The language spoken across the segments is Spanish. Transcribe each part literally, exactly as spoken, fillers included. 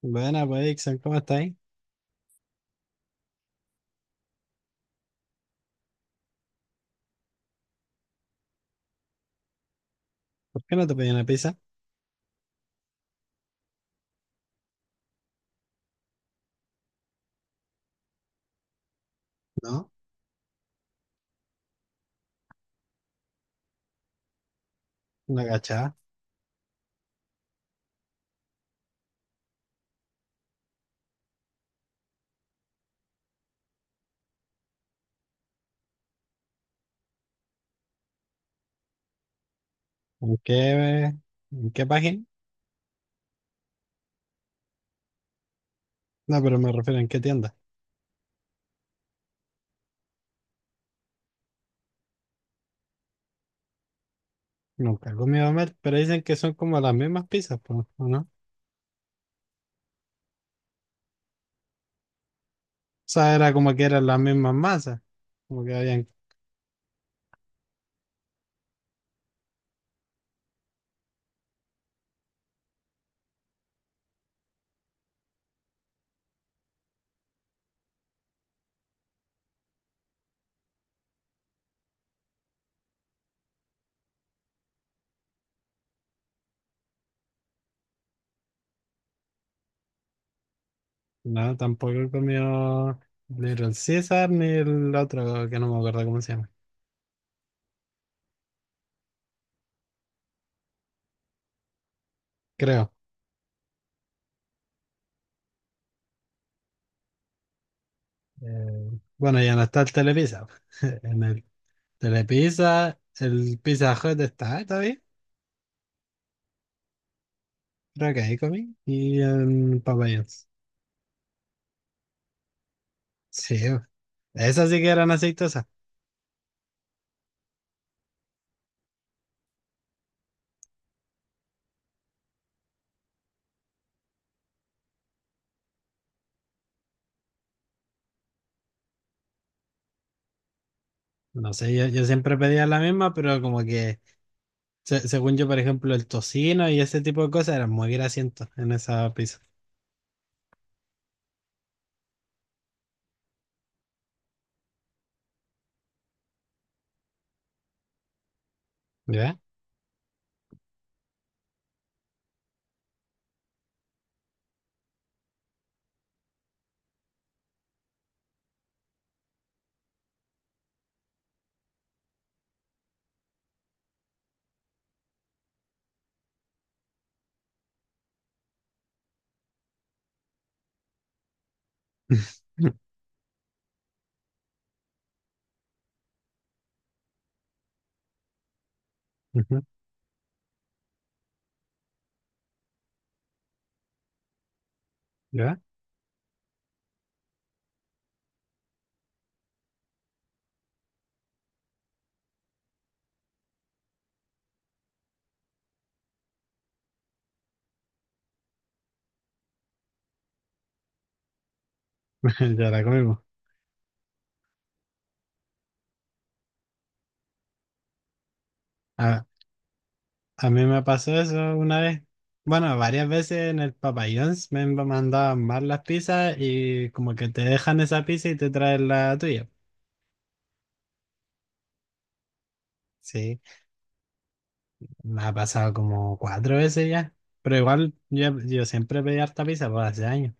Buena, pues, Ixen, ¿cómo estáis? ¿Por qué no te pedí una pizza? ¿No? Una cachada. ¿En qué, en qué página? No, pero me refiero en qué tienda. Nunca he comido Mer, pero dicen que son como las mismas pizzas, pues, ¿o no? O sea, era como que eran las mismas masas. Como que habían. No, tampoco he comido Little Caesar ni el otro que no me acuerdo cómo se llama. Creo. Eh, bueno, ya no está el Telepizza. En el Telepizza, el Pizza Hut está, ¿está bien? Creo que ahí comí. Y en Popeyes. Sí, esas sí que eran aceitosas. No sé, yo, yo siempre pedía la misma, pero como que, se- según yo, por ejemplo, el tocino y ese tipo de cosas eran muy grasientos en esa pizza. ¿Ya? Ujú. ¿Ya? Ya la comimos. A, a mí me pasó eso una vez. Bueno, varias veces en el Papayons me mandaban mal las pizzas y como que te dejan esa pizza y te traen la tuya. Sí. Me ha pasado como cuatro veces ya. Pero igual yo, yo siempre pedí harta pizza por hace años.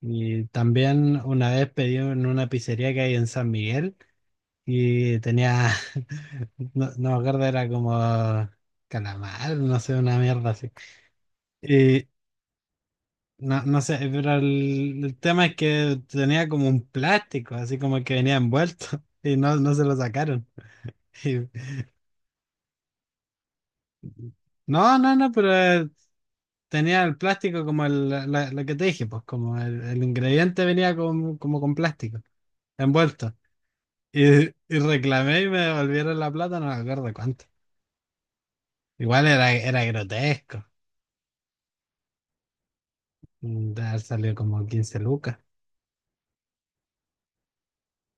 Y también una vez pedí en una pizzería que hay en San Miguel y tenía, no, no me acuerdo, era como calamar, no sé, una mierda así. Y no, no sé, pero el, el tema es que tenía como un plástico, así como que venía envuelto y no, no se lo sacaron. Y- no, no, no, pero eh, tenía el plástico como el, la- lo que te dije, pues como el, el ingrediente venía con- como con plástico, envuelto. Y, y reclamé y me devolvieron la plata, no me acuerdo cuánto. Igual era, era grotesco, de haber salido como quince lucas,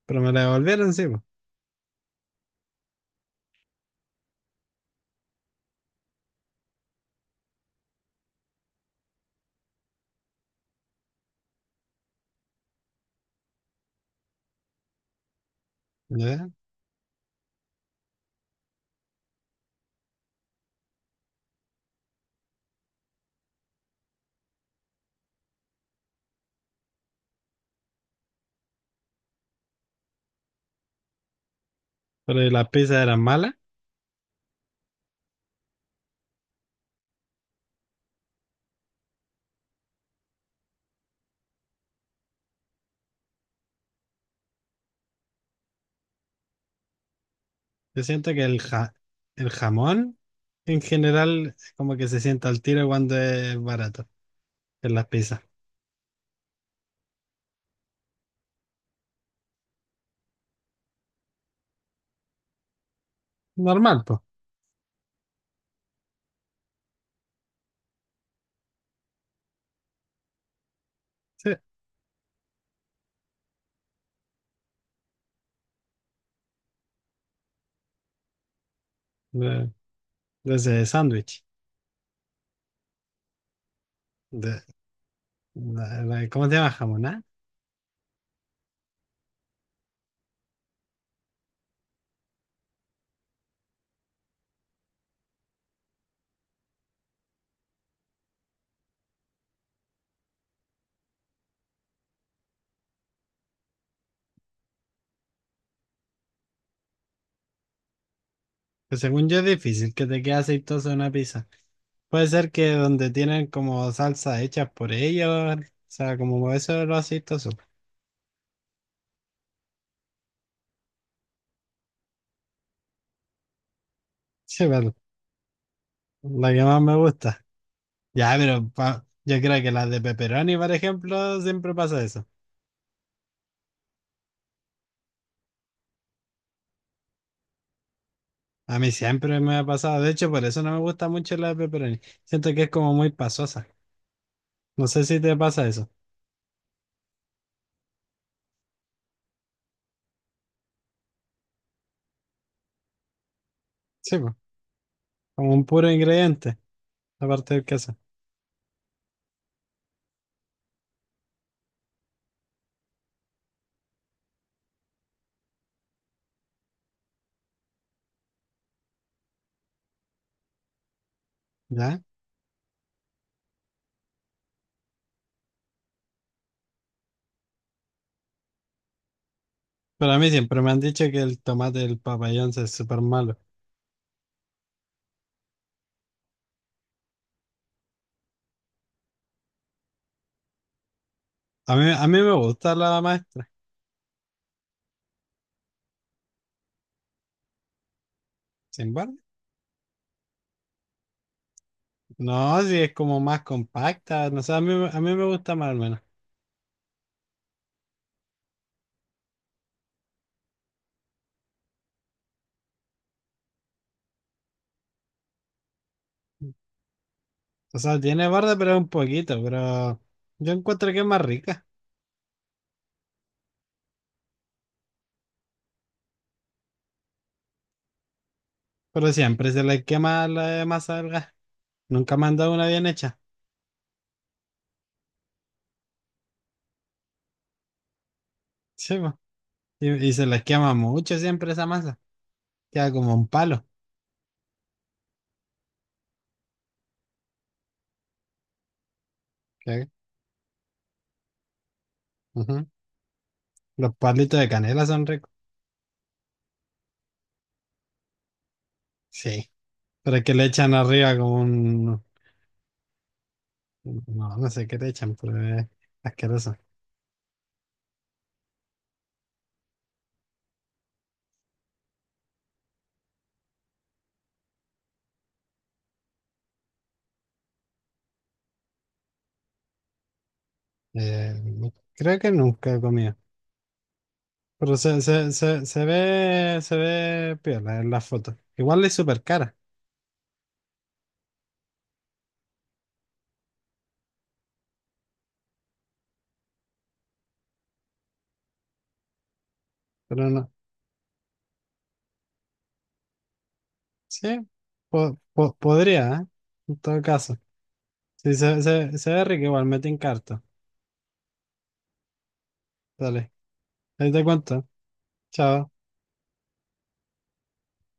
pero me la devolvieron, sí, pues. ¿Ya? Pero las pizzas eran malas. Yo siento que el, ja- el jamón en general como que se sienta al tiro cuando es barato en las pizzas. Normal, pues. Sí, de, desde sándwich. De, la- la- ¿cómo se llama? ¿Jamón? ¿Ah? Que según yo es difícil que te quede aceitosa una pizza. Puede ser que donde tienen como salsa hecha por ellos, o sea, como eso es lo aceitoso. Sí, pero la que más me gusta. Ya, pero pa- yo creo que las de pepperoni, por ejemplo, siempre pasa eso. A mí siempre me ha pasado. De hecho, por eso no me gusta mucho la de pepperoni. Siento que es como muy pasosa. No sé si te pasa eso. Sí, pues, como un puro ingrediente, aparte del queso. ¿Ya? Pero a mí siempre me han dicho que el tomate del papayón es súper malo. A mí, a mí me gusta la maestra, sin embargo. No, si es como más compacta, no sé, a mí, a mí me gusta más al menos. O sea, tiene barda, pero es un poquito, pero yo encuentro que es más rica. Pero siempre se les quema la masa del gas. Nunca me han dado una bien hecha. Sí, po. Y, y se les quema mucho siempre esa masa. Queda como un palo. ¿Sí? Ujú. Los palitos de canela son ricos. Sí, pero es que le echan arriba como un... No, no sé qué le echan, pero es asqueroso. Eh, Creo que nunca he comido, pero se, se, se, se ve, se ve piola en las fotos. Igual es súper cara, pero no. Sí, po- po- podría, ¿eh? En todo caso. Sí, se, se, se ve rico igual, me en carta. Dale, ahí te cuento. Chao.